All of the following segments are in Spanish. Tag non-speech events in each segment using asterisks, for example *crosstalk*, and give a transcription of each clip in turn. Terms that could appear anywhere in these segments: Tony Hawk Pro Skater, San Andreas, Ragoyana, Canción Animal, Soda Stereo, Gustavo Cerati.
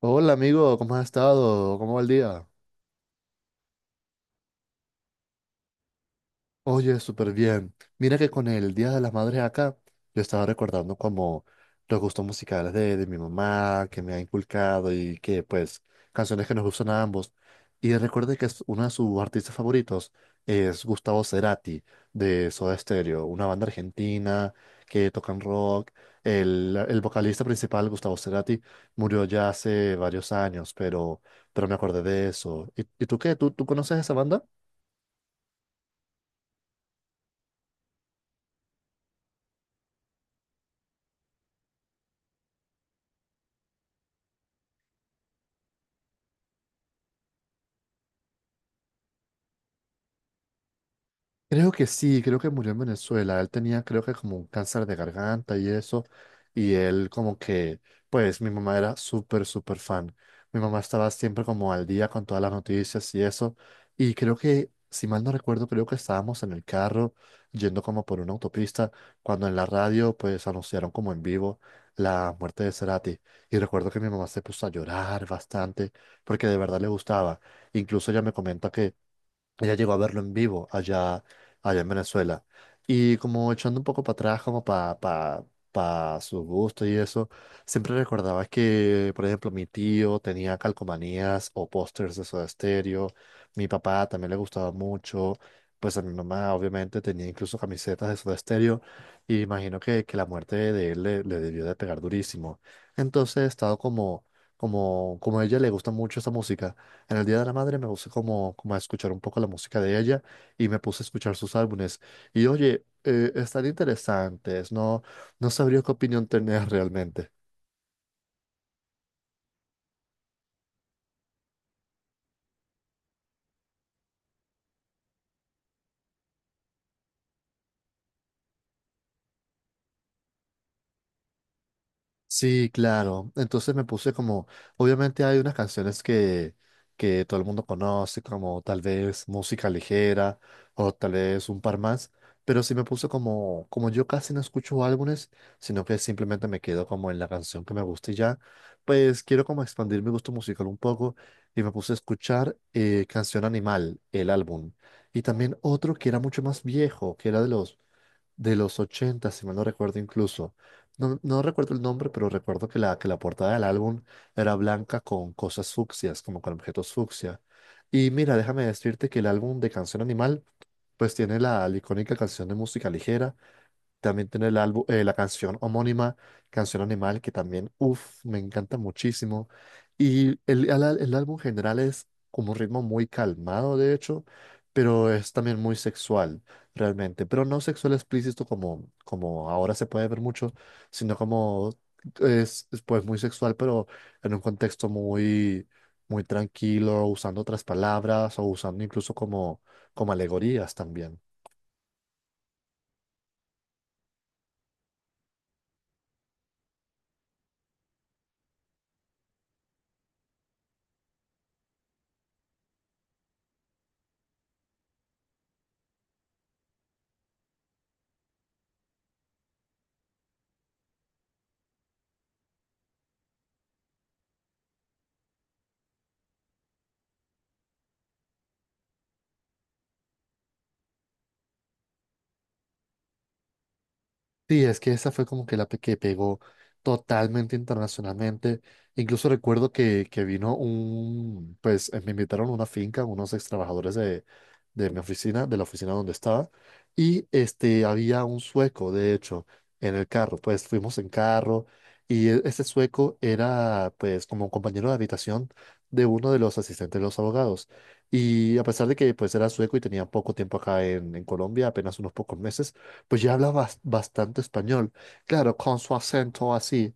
Hola amigo, ¿cómo has estado? ¿Cómo va el día? Oye, súper bien. Mira que con el Día de las Madres acá, yo estaba recordando como los gustos musicales de mi mamá, que me ha inculcado y que pues canciones que nos gustan a ambos. Y recuerdo que es uno de sus artistas favoritos es Gustavo Cerati de Soda Stereo, una banda argentina que tocan rock. El vocalista principal, Gustavo Cerati, murió ya hace varios años, pero me acordé de eso. Y tú qué? ¿Tú conoces esa banda? Creo que sí, creo que murió en Venezuela. Él tenía, creo que como un cáncer de garganta y eso. Y él como que, pues mi mamá era súper, súper fan. Mi mamá estaba siempre como al día con todas las noticias y eso. Y creo que, si mal no recuerdo, creo que estábamos en el carro yendo como por una autopista cuando en la radio pues anunciaron como en vivo la muerte de Cerati. Y recuerdo que mi mamá se puso a llorar bastante porque de verdad le gustaba. Incluso ella me comenta que ella llegó a verlo en vivo allá, allá en Venezuela. Y como echando un poco para atrás, como para pa su gusto y eso, siempre recordaba que, por ejemplo, mi tío tenía calcomanías o pósters de Soda Stereo. Mi papá también le gustaba mucho. Pues a mi mamá, obviamente, tenía incluso camisetas de Soda Stereo. Y imagino que la muerte de él le debió de pegar durísimo. Entonces he estado como, como a ella le gusta mucho esa música. En el Día de la Madre me puse como, como a escuchar un poco la música de ella y me puse a escuchar sus álbumes. Y oye, están interesantes, no, no sabría qué opinión tener *laughs* realmente. Sí, claro. Entonces me puse como, obviamente hay unas canciones que todo el mundo conoce, como tal vez música ligera o tal vez un par más, pero sí me puse como, como yo casi no escucho álbumes, sino que simplemente me quedo como en la canción que me gusta y ya, pues quiero como expandir mi gusto musical un poco y me puse a escuchar Canción Animal, el álbum, y también otro que era mucho más viejo, que era de los 80, si mal no recuerdo incluso. No, no recuerdo el nombre, pero recuerdo que que la portada del álbum era blanca con cosas fucsias, como con objetos fucsia. Y mira, déjame decirte que el álbum de Canción Animal, pues tiene la icónica canción de música ligera, también tiene el álbum, la canción homónima, Canción Animal, que también, uff, me encanta muchísimo. Y el álbum en general es como un ritmo muy calmado, de hecho, pero es también muy sexual, realmente. Pero no sexual explícito como, como ahora se puede ver mucho, sino como es, pues muy sexual, pero en un contexto muy, muy tranquilo, usando otras palabras o usando incluso como, como alegorías también. Sí, es que esa fue como que que pegó totalmente internacionalmente. Incluso recuerdo que vino un, pues me invitaron a una finca, unos ex trabajadores de mi oficina, de la oficina donde estaba, y este, había un sueco, de hecho, en el carro. Pues fuimos en carro y ese sueco era, pues, como un compañero de habitación de uno de los asistentes de los abogados. Y a pesar de que, pues, era sueco y tenía poco tiempo acá en Colombia, apenas unos pocos meses, pues ya habla bastante español. Claro, con su acento así.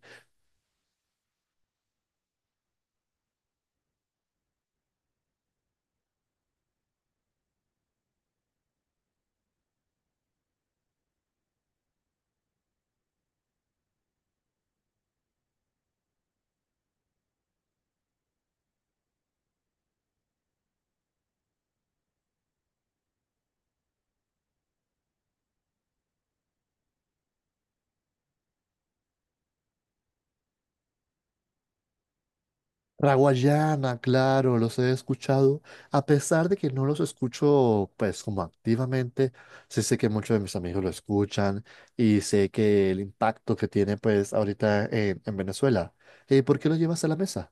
La guayana, claro, los he escuchado. A pesar de que no los escucho, pues, como activamente, sí sé que muchos de mis amigos lo escuchan y sé que el impacto que tiene, pues, ahorita en Venezuela. ¿Por qué lo llevas a la mesa?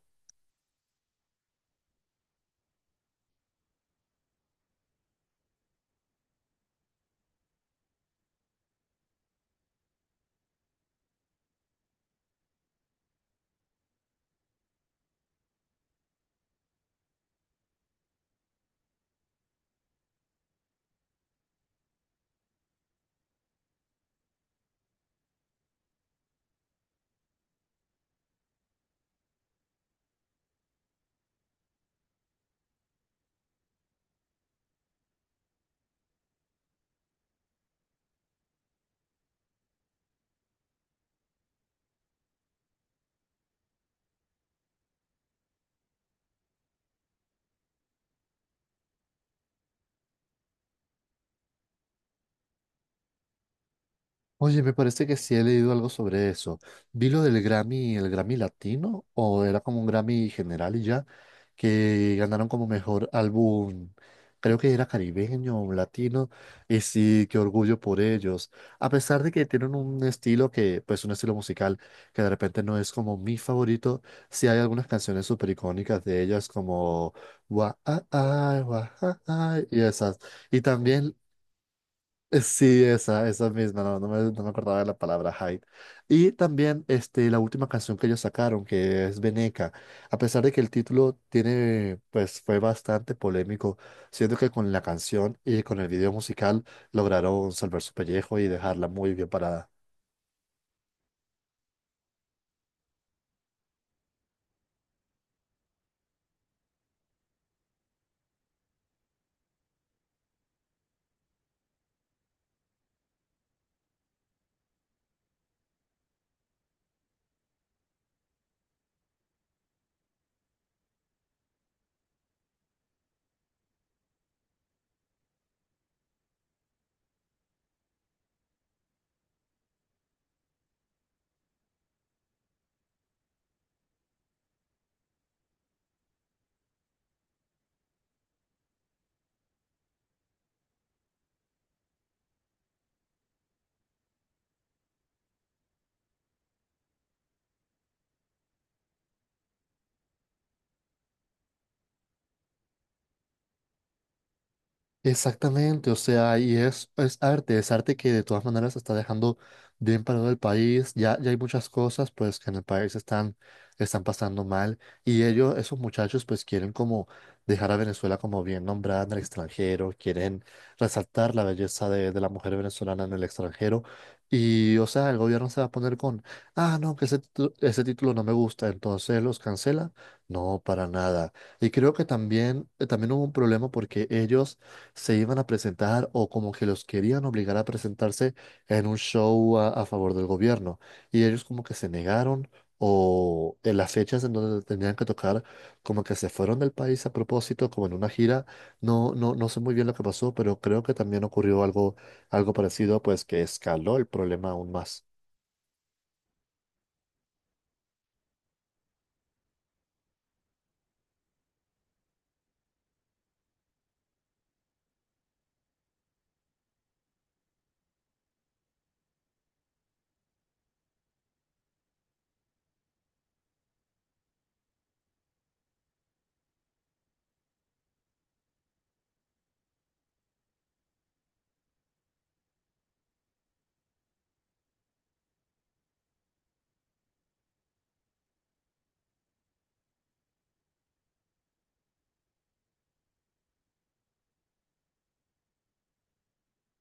Oye, me parece que sí he leído algo sobre eso. Vi lo del Grammy, el Grammy Latino, o era como un Grammy general y ya, que ganaron como mejor álbum, creo que era caribeño o latino, y sí, qué orgullo por ellos. A pesar de que tienen un estilo que, pues un estilo musical que de repente no es como mi favorito, sí hay algunas canciones súper icónicas de ellas como Wa, ah, ah, y esas. Y también sí, esa misma, no, no me acordaba de la palabra Hyde. Y también este, la última canción que ellos sacaron, que es Veneca. A pesar de que el título tiene, pues fue bastante polémico, siento que con la canción y con el video musical lograron salvar su pellejo y dejarla muy bien parada. Exactamente, o sea, y es arte que de todas maneras está dejando bien parado el país. Ya hay muchas cosas pues que en el país están, están pasando mal y ellos, esos muchachos pues quieren como dejar a Venezuela como bien nombrada en el extranjero, quieren resaltar la belleza de la mujer venezolana en el extranjero y o sea, el gobierno se va a poner con, ah, no, que ese, ese título no me gusta, entonces los cancela. No, para nada. Y creo que también, también hubo un problema porque ellos se iban a presentar o como que los querían obligar a presentarse en un show a favor del gobierno. Y ellos como que se negaron o en las fechas en donde tenían que tocar, como que se fueron del país a propósito, como en una gira. No, no sé muy bien lo que pasó, pero creo que también ocurrió algo, algo parecido, pues que escaló el problema aún más.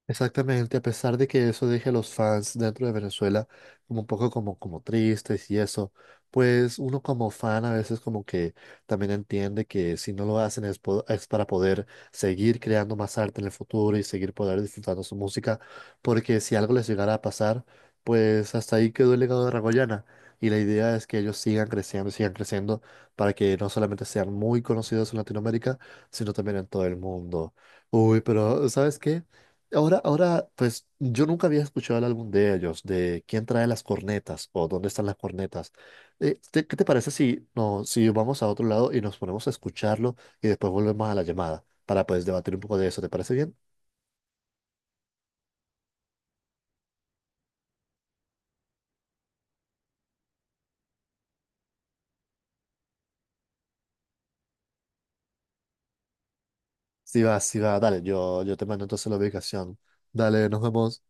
Exactamente, a pesar de que eso deje a los fans dentro de Venezuela como un poco como, como tristes y eso, pues uno como fan a veces como que también entiende que si no lo hacen es para poder seguir creando más arte en el futuro y seguir poder disfrutando su música, porque si algo les llegara a pasar, pues hasta ahí quedó el legado de Ragoyana y la idea es que ellos sigan creciendo y sigan creciendo para que no solamente sean muy conocidos en Latinoamérica, sino también en todo el mundo. Uy, pero ¿sabes qué? Ahora, ahora, pues yo nunca había escuchado el álbum de ellos, de quién trae las cornetas o dónde están las cornetas. ¿ qué te parece si, no, si vamos a otro lado y nos ponemos a escucharlo y después volvemos a la llamada para pues debatir un poco de eso? ¿Te parece bien? Sí va, dale, yo te mando entonces la ubicación. Dale, nos vemos.